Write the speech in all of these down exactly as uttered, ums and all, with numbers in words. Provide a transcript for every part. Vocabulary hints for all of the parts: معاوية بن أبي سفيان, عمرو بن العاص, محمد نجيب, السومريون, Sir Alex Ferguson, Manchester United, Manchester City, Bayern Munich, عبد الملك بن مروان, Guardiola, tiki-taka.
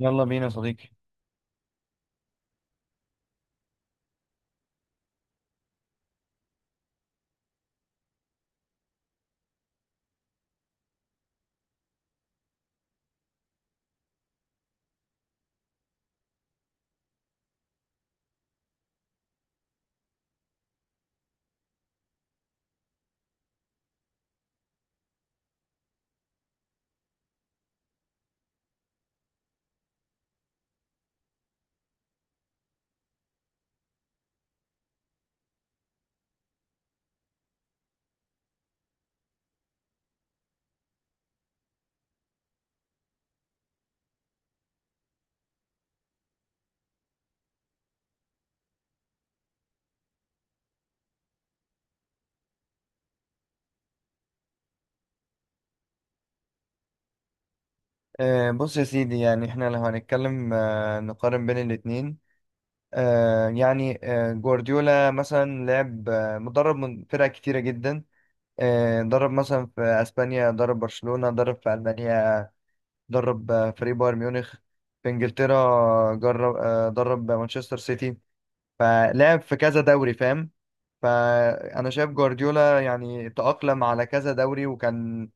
يلا بينا يا صديقي. آه بص يا سيدي، يعني احنا لو هنتكلم آه نقارن بين الاتنين. آه يعني آه جوارديولا مثلا لعب، آه مدرب من فرق كتيرة جدا. آه درب مثلا في اسبانيا، درب برشلونة، درب في المانيا، درب آه فريق بايرن ميونخ. في انجلترا جرب آه درب مانشستر سيتي، فلعب في كذا دوري، فاهم؟ فأنا شايف جوارديولا يعني تأقلم على كذا دوري، وكان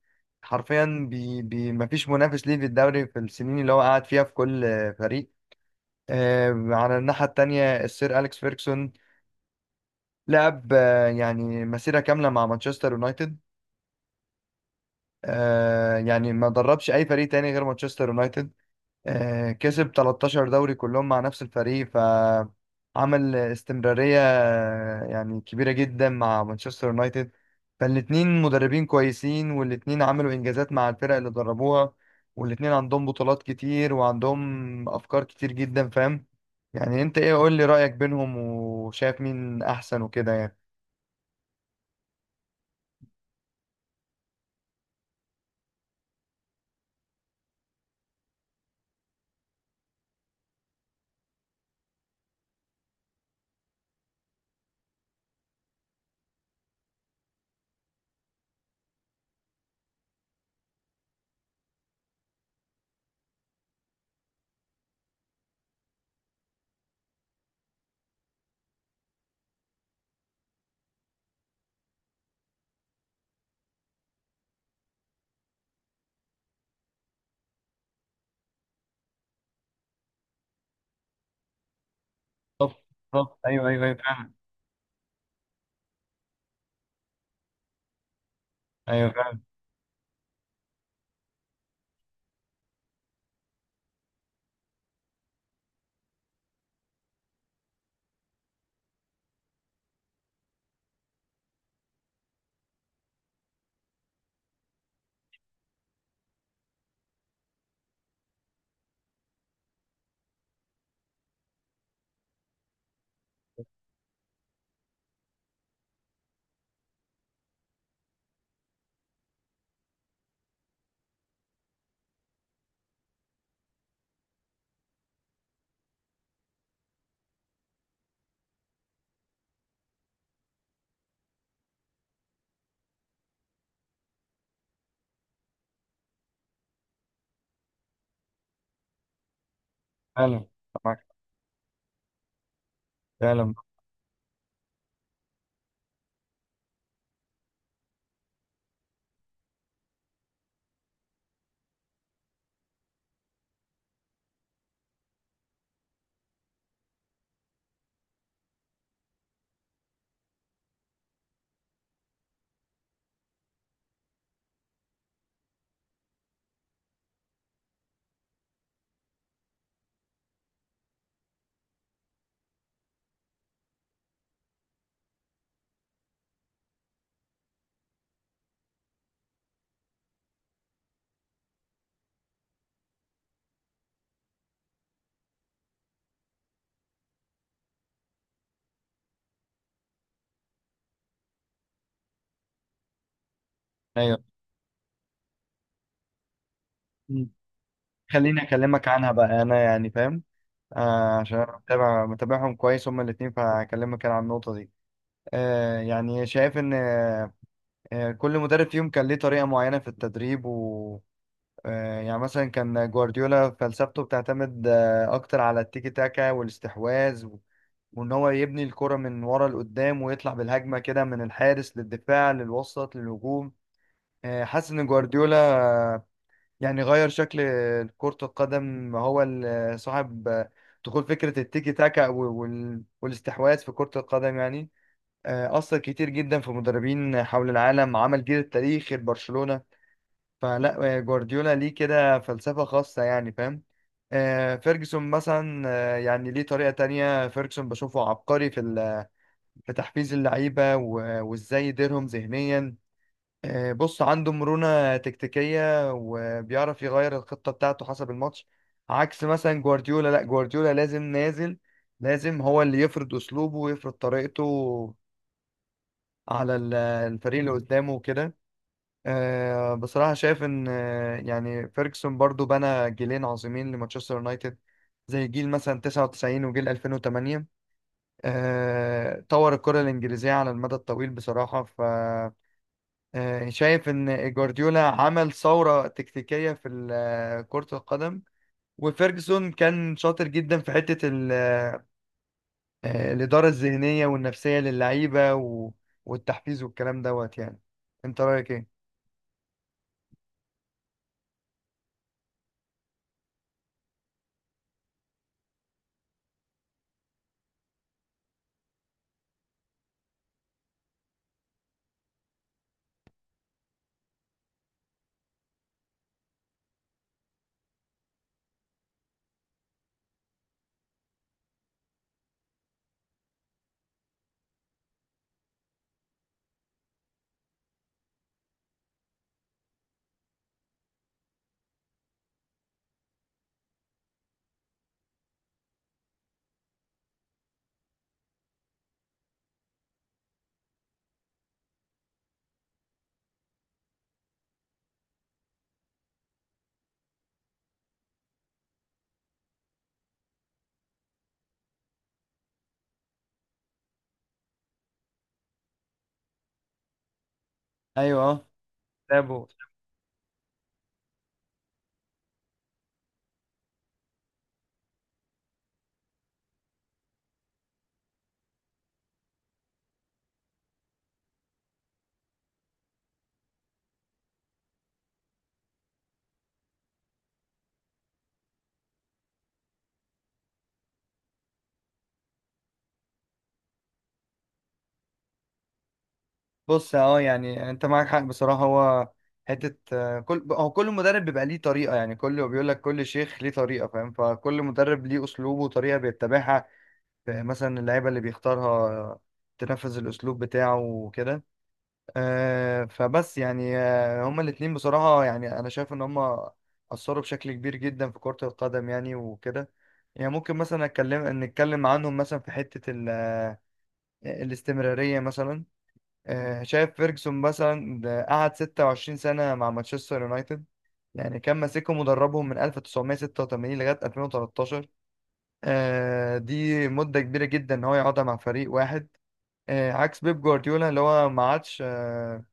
حرفيا بي بي مفيش منافس ليه في الدوري في السنين اللي هو قعد فيها في كل فريق. آه، على الناحية التانية، السير أليكس فيركسون لعب، آه، يعني مسيرة كاملة مع مانشستر يونايتد. آه يعني ما دربش اي فريق تاني غير مانشستر يونايتد. آه كسب 13 دوري كلهم مع نفس الفريق، فعمل استمرارية آه، يعني كبيرة جدا مع مانشستر يونايتد. فالاتنين مدربين كويسين، والاتنين عملوا انجازات مع الفرق اللي دربوها، والاتنين عندهم بطولات كتير وعندهم افكار كتير جدا، فاهم؟ يعني انت ايه؟ قول لي رأيك بينهم، وشايف مين احسن وكده يعني. بالظبط. بالظبط. ايوه، ايوه، ايوه، فعلا. ايوه فعلا. فعلا. معاك. فعلا. ايوه. مم. خليني اكلمك عنها بقى، انا يعني فاهم. آه عشان انا متابع متابعهم كويس هما الاثنين، فهكلمك انا عن النقطه دي. آه يعني شايف ان آه آه، كل مدرب فيهم كان ليه طريقه معينه في التدريب، و آه يعني مثلا كان جوارديولا فلسفته بتعتمد آه اكتر على التيكي تاكا والاستحواذ، و- وان هو يبني الكره من ورا لقدام، ويطلع بالهجمه كده من الحارس للدفاع للوسط للهجوم. آه حاسس ان جوارديولا يعني غير شكل كرة القدم، هو ال- صاحب دخول فكرة التيكي تاكا وال- والاستحواذ في كرة القدم، يعني آه، أثر كتير جدا في مدربين حول العالم، عمل جيل التاريخ لبرشلونة. فلا، آه، جوارديولا ليه كده فلسفة خاصة يعني، فاهم؟ آه، فيرجسون مثلا، آه، يعني ليه طريقة تانية. فيرجسون بشوفه عبقري في ال- في تحفيز اللعيبة، و- وازاي يديرهم ذهنيا. آه، بص عنده مرونة تكتيكية، وبيعرف يغير الخطة بتاعته حسب الماتش. عكس مثلا جوارديولا، لا جوارديولا لازم نازل، لازم هو اللي يفرض أسلوبه ويفرض طريقته على ال- الفريق اللي قدامه وكده. آه، بصراحة شايف إن آه، يعني فيرجسون برضو بنى جيلين عظيمين لمانشستر يونايتد، زي جيل مثلا تسعة وتسعين وجيل الفين وتمانية. آه، طور الكرة الإنجليزية على المدى الطويل بصراحة. آه، شايف ان جوارديولا عمل ثورة تكتيكية في ال- آه، كرة القدم، وفيرجسون كان شاطر جدا في حتة ال- آه، الإدارة الذهنية والنفسية للعيبة، و- والتحفيز والكلام دوت يعني. انت رأيك ايه؟ ايوه. اه. لعبه. بص، اه يعني انت معاك حق بصراحة. هو حتة آه، كل هو كل مدرب بيبقى ليه طريقة، يعني كل بيقول لك كل شيخ ليه طريقة، فاهم؟ فكل مدرب ليه أسلوبه وطريقة بيتبعها. آه، مثلا اللعيبة اللي بيختارها تنفذ الأسلوب بتاعه وكده. آه، فبس يعني آه، هما الاتنين بصراحة، يعني أنا شايف إن هما أثروا بشكل كبير جدا في كرة القدم، يعني وكده. يعني ممكن مثلا أتكلم نتكلم عنهم مثلا في حتة ال- آه، الاستمرارية مثلا. آه، شايف فيرجسون مثلا ده قعد 26 سنة مع مانشستر يونايتد، يعني كان ماسكهم مدربهم من الف وتسعمية ستة وتمانين لغاية الفين وتلتاشر. آه، دي مدة كبيرة جدا إن هو يقعدها مع فريق واحد. آه، عكس بيب جوارديولا اللي هو ما عادش آه،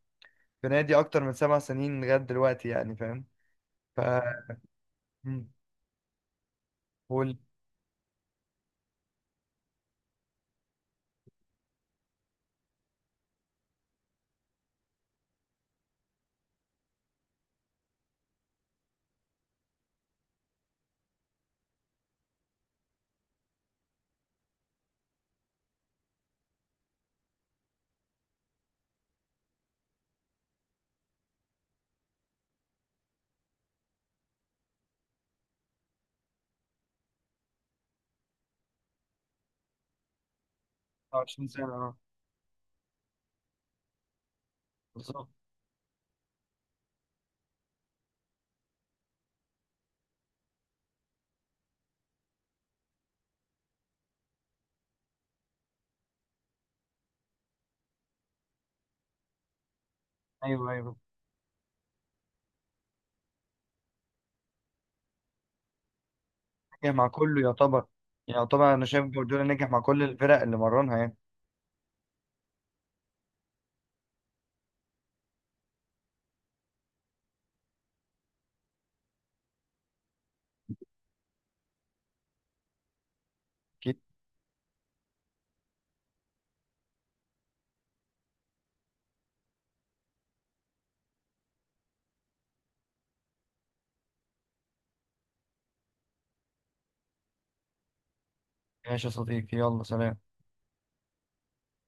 في نادي اكتر من سبع سنين لغايه دلوقتي، يعني فاهم؟ ف مم. هو ال تسعة وعشرين سنه. اه. بالظبط. ايوه، ايوه. نجح مع كله يعتبر. يعني يعتبر انا شايف جوارديولا نجح مع كل الفرق اللي مرنها يعني. اكيد. ماشي يا صديقي، يلا سلام.